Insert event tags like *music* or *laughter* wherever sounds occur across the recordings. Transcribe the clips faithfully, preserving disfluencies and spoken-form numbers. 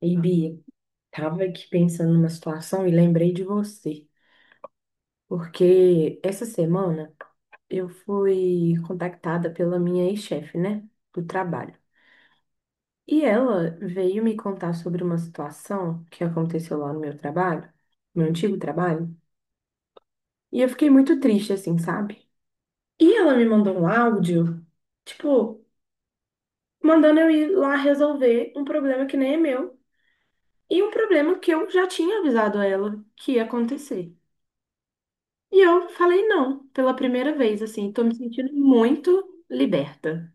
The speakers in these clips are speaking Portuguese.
E Bia, tava aqui pensando numa situação e lembrei de você, porque essa semana eu fui contactada pela minha ex-chefe, né, do trabalho. E ela veio me contar sobre uma situação que aconteceu lá no meu trabalho, meu antigo trabalho, e eu fiquei muito triste assim, sabe? E ela me mandou um áudio, tipo, mandando eu ir lá resolver um problema que nem é meu e um problema que eu já tinha avisado a ela que ia acontecer. E eu falei não, pela primeira vez, assim, tô me sentindo muito liberta.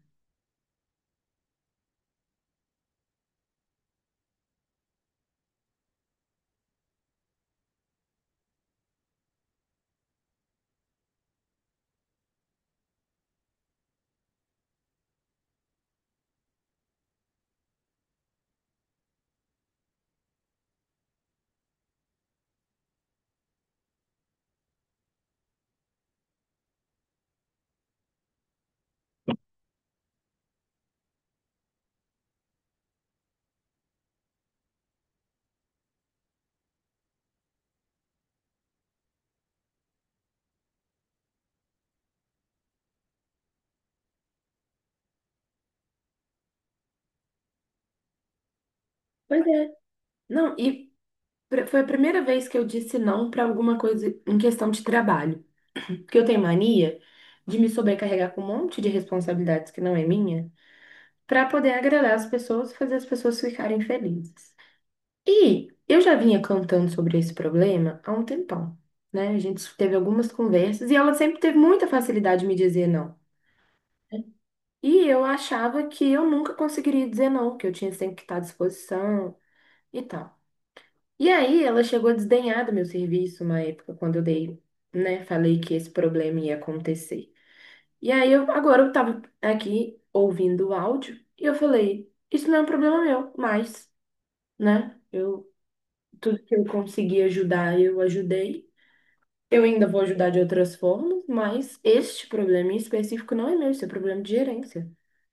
Pois é. Não, e pr- foi a primeira vez que eu disse não para alguma coisa em questão de trabalho. Porque eu tenho mania de me sobrecarregar com um monte de responsabilidades que não é minha, para poder agradar as pessoas e fazer as pessoas ficarem felizes. E eu já vinha cantando sobre esse problema há um tempão, né? A gente teve algumas conversas e ela sempre teve muita facilidade de me dizer não. E eu achava que eu nunca conseguiria dizer não, que eu tinha sempre que estar à disposição e tal. E aí ela chegou a desdenhar do meu serviço uma época, quando eu dei, né, falei que esse problema ia acontecer. E aí eu, agora eu tava aqui ouvindo o áudio e eu falei, isso não é um problema meu, mas, né, eu, tudo que eu consegui ajudar, eu ajudei. Eu ainda vou ajudar de outras formas, mas este problema em específico não é meu, isso é problema de gerência.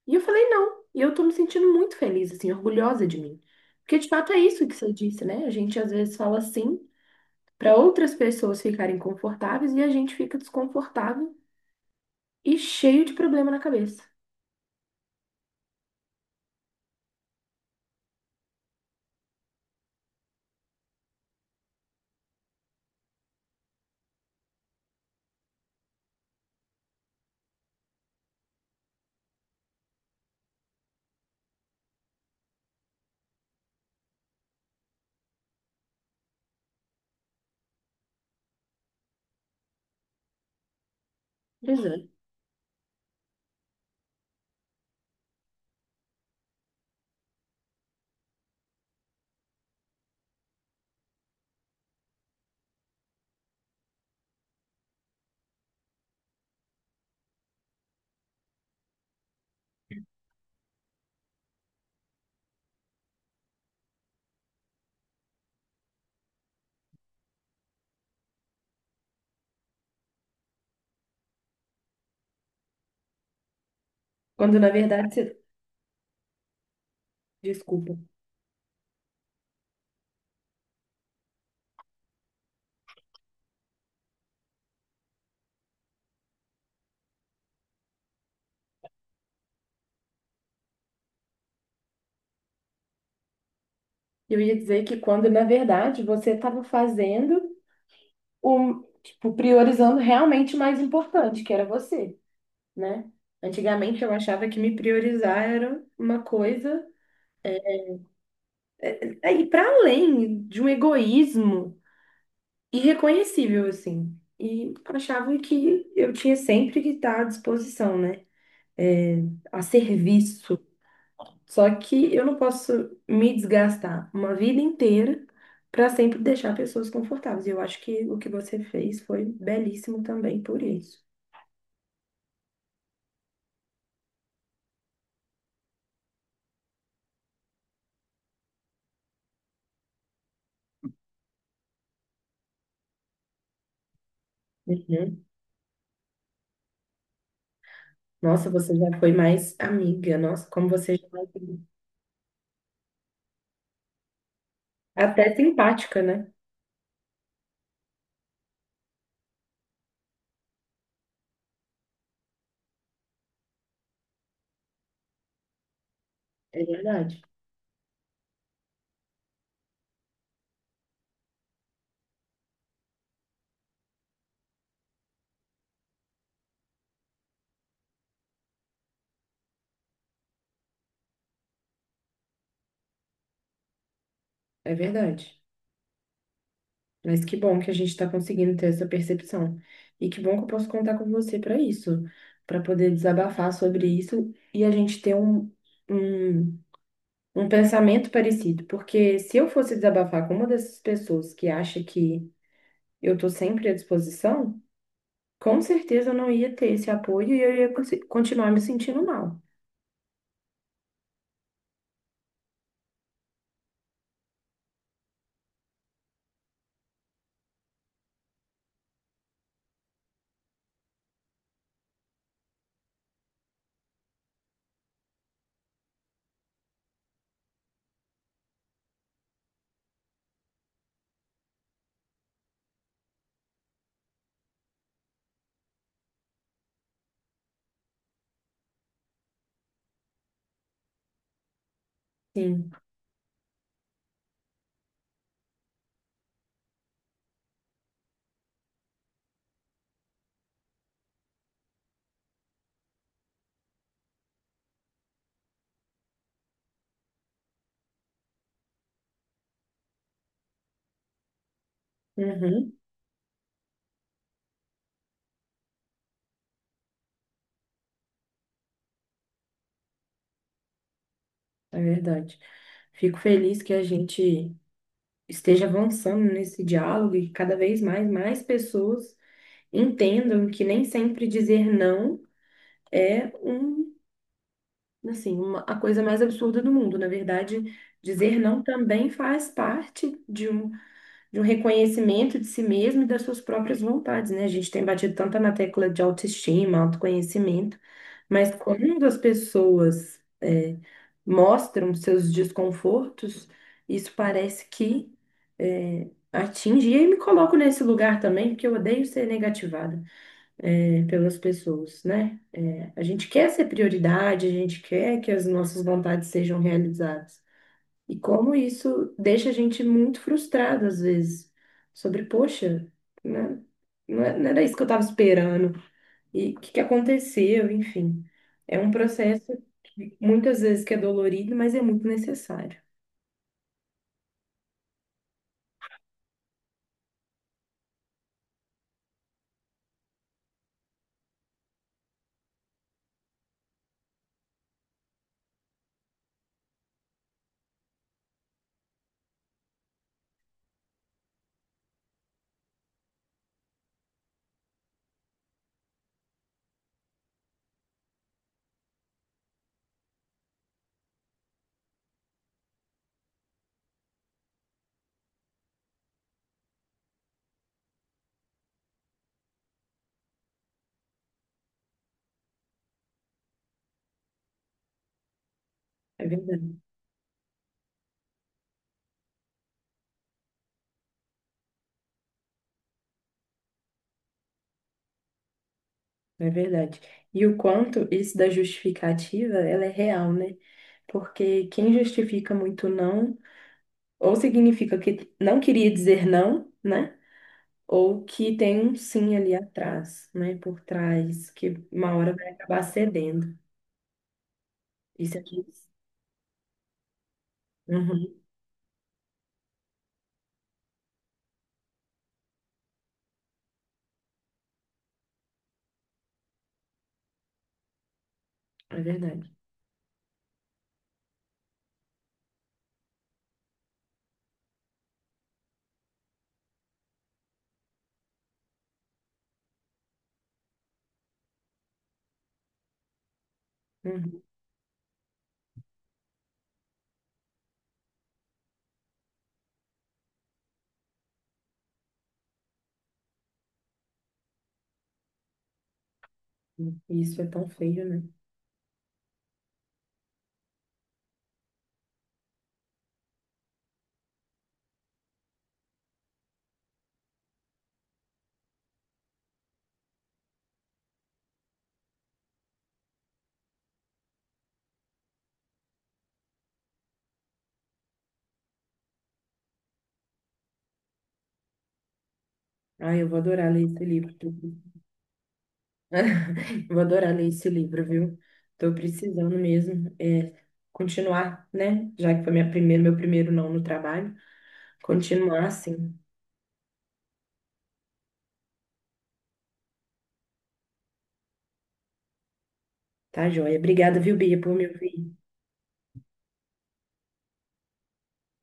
E eu falei, não. E eu tô me sentindo muito feliz, assim, orgulhosa de mim. Porque de fato é isso que você disse, né? A gente às vezes fala sim para outras pessoas ficarem confortáveis e a gente fica desconfortável e cheio de problema na cabeça. Exato. Quando na verdade você. Desculpa. Eu ia dizer que quando na verdade você estava fazendo o, tipo, priorizando realmente o mais importante, que era você, né? Antigamente eu achava que me priorizar era uma coisa aí para além de um egoísmo irreconhecível assim. E achava que eu tinha sempre que estar à disposição, né? É, a serviço. Só que eu não posso me desgastar uma vida inteira para sempre deixar pessoas confortáveis. E eu acho que o que você fez foi belíssimo também por isso. Uhum. Nossa, você já foi mais amiga. Nossa, como você já. Até simpática, né? É verdade, é verdade. Mas que bom que a gente está conseguindo ter essa percepção. E que bom que eu posso contar com você para isso, para poder desabafar sobre isso e a gente ter um, um, um pensamento parecido. Porque se eu fosse desabafar com uma dessas pessoas que acha que eu estou sempre à disposição, com certeza eu não ia ter esse apoio e eu ia consi- continuar me sentindo mal. Sim, uhum, é verdade. Fico feliz que a gente esteja avançando nesse diálogo e que cada vez mais, mais pessoas entendam que nem sempre dizer não é um, assim, uma, a coisa mais absurda do mundo. Na verdade, dizer não também faz parte de um de um reconhecimento de si mesmo e das suas próprias vontades, né? A gente tem batido tanto na tecla de autoestima, autoconhecimento, mas quando as pessoas é, mostram seus desconfortos, isso parece que é, atinge. E aí me coloco nesse lugar também, porque eu odeio ser negativada é, pelas pessoas, né? É, a gente quer ser prioridade, a gente quer que as nossas vontades sejam realizadas. E como isso deixa a gente muito frustrado às vezes, sobre, poxa, né? Não é- não era isso que eu estava esperando. E o que que aconteceu, enfim. É um processo que muitas vezes que é dolorido, mas é muito necessário. É verdade, é verdade. E o quanto isso da justificativa, ela é real, né? Porque quem justifica muito não, ou significa que não queria dizer não, né? Ou que tem um sim ali atrás, né, por trás, que uma hora vai acabar cedendo. Isso aqui, uhum, é verdade. Uhum. Uhum. Isso é tão feio, né? Ah, eu vou adorar ler esse livro. tô- *laughs* Vou adorar ler esse livro, viu? Tô precisando mesmo é, continuar, né? Já que foi minha primeira, meu primeiro não no trabalho, continuar assim, tá joia? Obrigada, viu, Bia, por me ouvir.